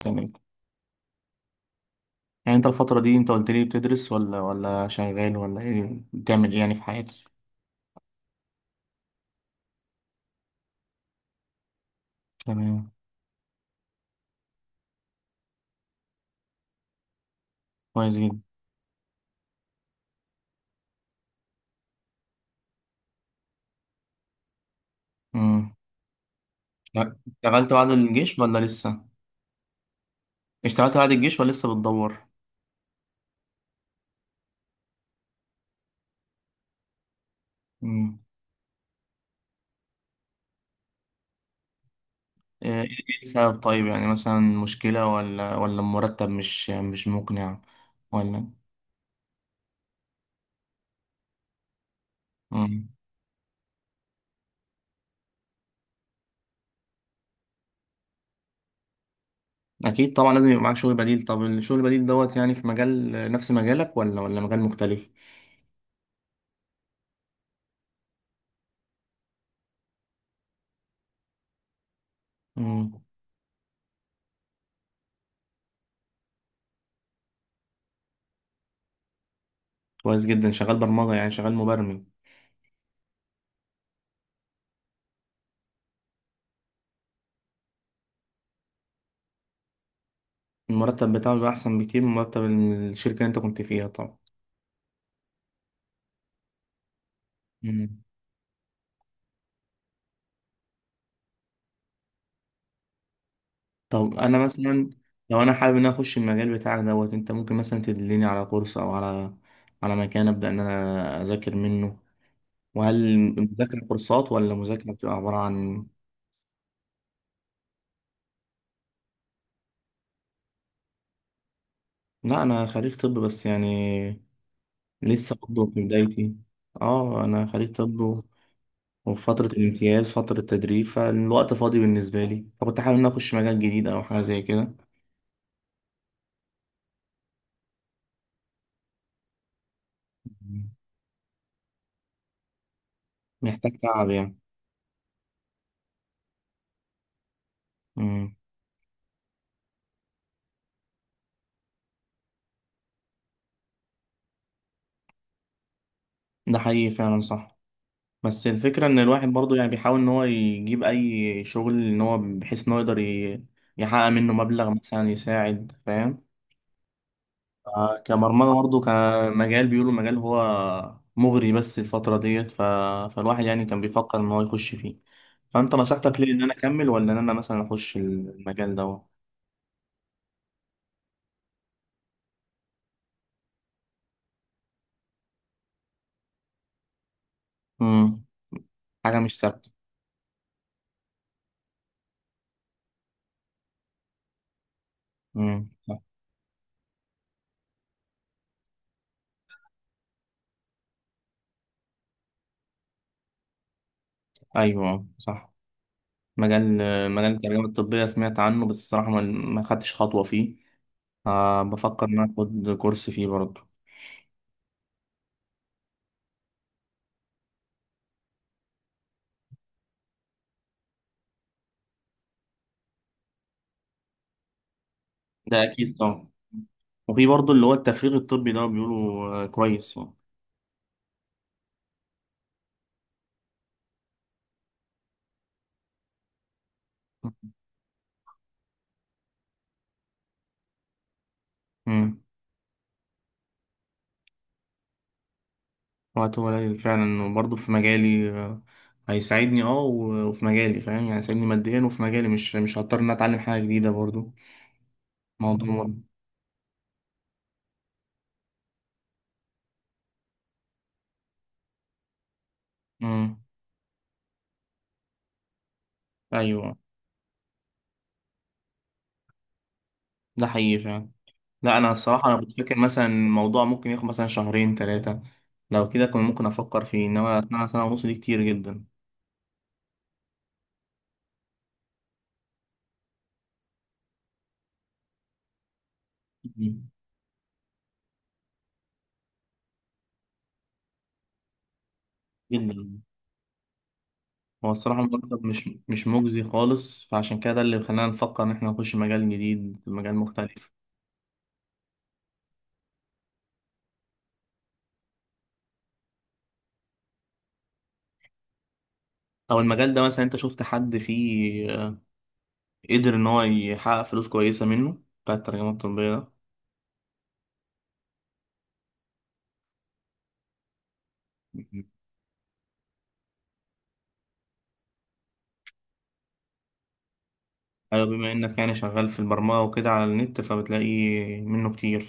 تمام. يعني انت الفترة دي، انت قلت لي بتدرس ولا شغال، ولا ايه بتعمل ايه يعني في حياتك؟ تمام. كويس جدا. امم لا، اشتغلت بعد الجيش ولا لسه؟ اشتغلت بعد الجيش ولا لسه بتدور؟ امم ايه إيه السبب؟ طيب يعني مثلا مشكلة ولا المرتب مش مقنع ولا؟ امم اكيد طبعا، لازم يبقى معاك شغل بديل. طب الشغل البديل دوت يعني في مجال نفس مجالك ولا مجال مختلف؟ امم كويس جدا، شغال برمجة، يعني شغال مبرمج. المرتب بتاعه بيبقى أحسن بكتير من مرتب الشركة اللي أنت كنت فيها طبعا. مم. طب أنا مثلا، لو أنا حابب إن أنا أخش المجال بتاعك دوت، أنت ممكن مثلا تدلني على كورس أو على مكان أبدأ إن أنا أذاكر منه؟ وهل المذاكرة كورسات ولا مذاكرة بتبقى عبارة عن؟ لا، أنا خريج طب بس يعني لسه برضه في بدايتي. أه، أنا خريج طب وفي فترة الامتياز، فترة تدريب، فالوقت فاضي بالنسبة لي، فكنت حابب إن أنا أخش مجال جديد أو حاجة زي كده. مم. محتاج تعب يعني. مم. ده حقيقي فعلا، صح. بس الفكرة ان الواحد برضو يعني بيحاول ان هو يجيب اي شغل، ان هو بحيث ان هو يقدر يحقق منه مبلغ مثلا يساعد، فاهم؟ كبرمجة برضو كمجال، بيقولوا مجال هو مغري، بس الفترة ديت، فالواحد يعني كان بيفكر ان هو يخش فيه. فانت نصيحتك ليه، ان انا اكمل ولا ان انا مثلا اخش المجال ده؟ امم حاجة مش ثابتة. امم ايوه صح. مجال مجال الترجمة الطبية سمعت عنه، بس الصراحة ما خدتش خطوة فيه. آه، بفكر إن أنا آخد كورس فيه برضه. ده أكيد طبعا. وفي برضه اللي هو التفريغ الطبي ده، بيقولوا كويس يعني. مم. وقته قليل فعلا، وبرضه في مجالي هيساعدني. اه وفي مجالي، فاهم؟ يعني هيساعدني ماديا، وفي مجالي مش هضطر ان أنا اتعلم حاجة جديدة برضه. موضوع. مم. مم. ايوه، ده حقيقي فعلا. لا، انا الصراحة انا كنت فاكر مثلا الموضوع ممكن ياخد مثلا شهرين ثلاثة. لو كده كنت ممكن افكر فيه، انما سنة، سنة ونص دي كتير جدا. مم. جدا. هو الصراحة المرتب مش مجزي خالص، فعشان كده ده اللي خلانا نفكر إن إحنا نخش مجال جديد، مجال مختلف. أو المجال ده مثلا، أنت شفت حد فيه قدر إن هو يحقق فلوس كويسة منه، بتاع الترجمة الطبية ده؟ مم. أيوة، بما إنك يعني شغال في البرمجة وكده على النت، فبتلاقي منه كتير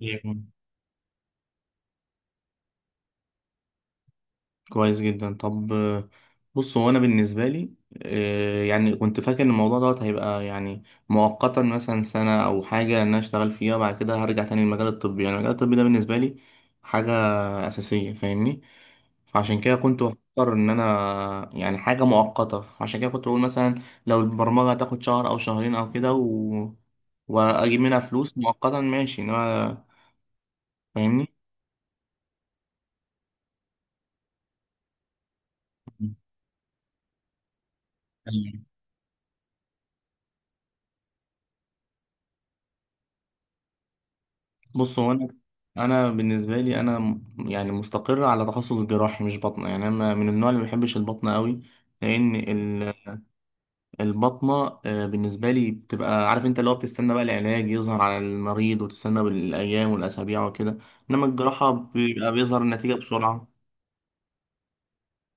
فعلا. كويس جدا. طب بص هو انا بالنسبه لي يعني كنت فاكر ان الموضوع دوت هيبقى يعني مؤقتا، مثلا سنه او حاجه ان انا اشتغل فيها، وبعد كده هرجع تاني للمجال الطبي. يعني المجال الطبي ده بالنسبه لي حاجه اساسيه، فاهمني؟ فعشان كده كنت بفكر ان انا يعني حاجه مؤقته، عشان كده كنت بقول مثلا لو البرمجه هتاخد شهر او شهرين او كده واجيب منها فلوس مؤقتا، ماشي. انما، فاهمني؟ بص هو انا بالنسبه لي انا يعني مستقر على تخصص جراحي، مش بطنه، يعني انا من النوع اللي ما بيحبش البطنه قوي، لان البطنه بالنسبه لي بتبقى، عارف انت، اللي هو بتستنى بقى العلاج يظهر على المريض، وتستنى بالايام والاسابيع وكده. انما الجراحه بيبقى بيظهر النتيجه بسرعه،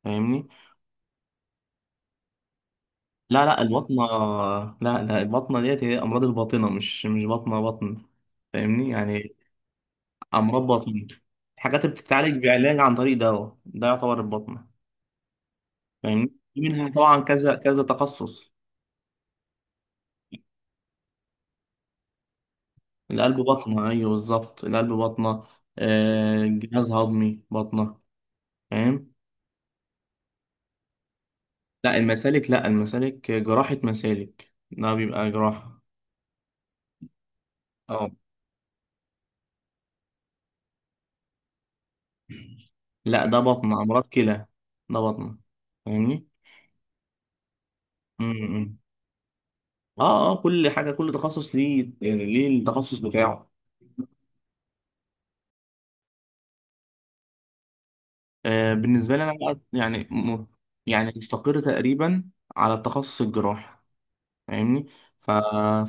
فاهمني؟ لا لا البطنه، لا لا البطنه ديت هي امراض الباطنه، مش بطنه بطن، فاهمني يعني؟ امراض باطنه. الحاجات اللي بتتعالج بعلاج عن طريق دواء ده يعتبر البطنه يعني. في منها طبعا كذا كذا تخصص. القلب بطنة، أيوه بالظبط القلب بطنة. جهاز هضمي بطنة، فاهم؟ لا المسالك، لا المسالك، جراحة مسالك ده بيبقى جراحة. اه. لا، ده بطنة، أمراض كلى، ده بطنة، فاهمني؟ امم اه، اه، كل حاجة كل تخصص ليه، يعني ليه التخصص بتاعه. آه، بالنسبة لي أنا بقى يعني يعني مستقر تقريبا على التخصص الجراحي، فاهمني؟ ف...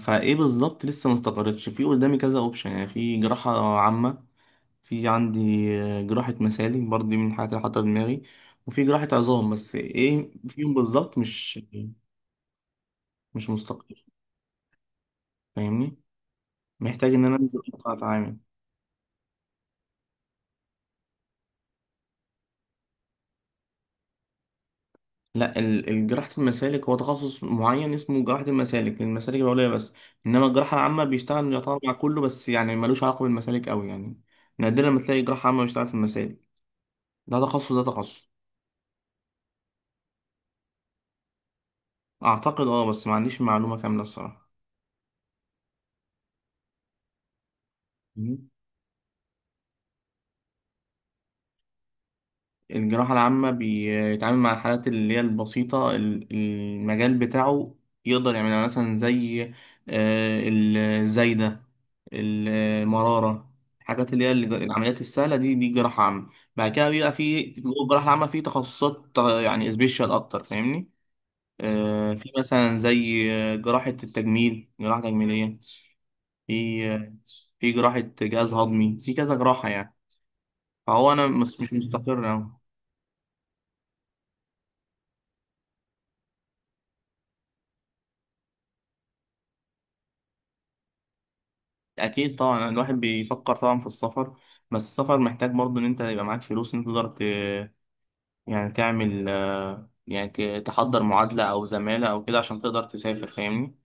فايه بالظبط لسه، ما استقرتش. في قدامي كذا اوبشن، يعني في جراحة عامة. في عندي جراحة مسالك برضه، دي من الحاجات اللي حاطة في دماغي. وفي جراحة عظام. بس ايه فيهم بالظبط مش مستقر، فاهمني؟ محتاج ان انا انزل اقطع اتعامل. لا، جراحة المسالك هو تخصص معين اسمه جراحة المسالك، المسالك العليا بس. انما الجراحة العامة بيشتغل يعتبر مع كله، بس يعني ملوش علاقة بالمسالك قوي يعني. نادرا ما تلاقي جراحة عامة بيشتغل في المسالك، ده تخصص ده تخصص. اعتقد اه، بس ما عنديش معلومه كامله الصراحه. مم. الجراحه العامه بيتعامل مع الحالات اللي هي البسيطه، المجال بتاعه يقدر يعملها، يعني مثلا زي آه، الزايده، المراره، الحاجات اللي هي العمليات السهله، دي جراحه عامه. بعد كده بيبقى في جوه الجراحه العامه في تخصصات، يعني سبيشال اكتر، فاهمني؟ في مثلا زي جراحه التجميل، جراحه تجميليه. في في جراحه جهاز هضمي، في كذا جراحه يعني. فهو انا مش مستقر أوي. اكيد طبعا، الواحد بيفكر طبعا في السفر. بس السفر محتاج برضو ان انت يبقى معاك فلوس، ان انت تقدر يعني تعمل يعني تحضر معادلة او زمالة او كده عشان تقدر تسافر، فاهمني؟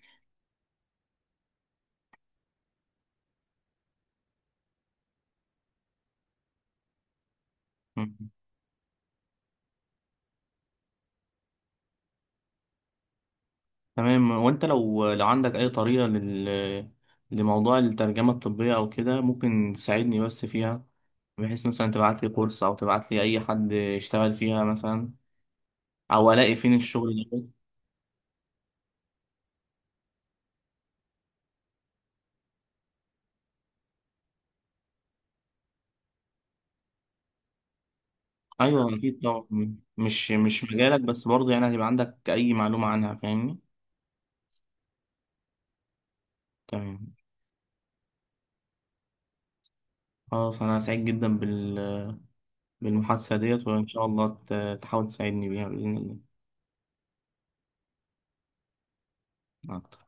مم. تمام. وانت لو عندك اي طريقة لموضوع الترجمة الطبية او كده، ممكن تساعدني بس فيها، بحيث مثلا تبعت لي كورس او تبعت لي اي حد يشتغل فيها مثلا، او الاقي فين الشغل ده. ايوه اكيد طبعا، مش مجالك، بس برضه يعني هتبقى عندك اي معلومه عنها، فاهمني؟ تمام. خلاص انا سعيد جدا بالمحادثه ديت، وان شاء الله تحاول تساعدني بيها باذن الله. مع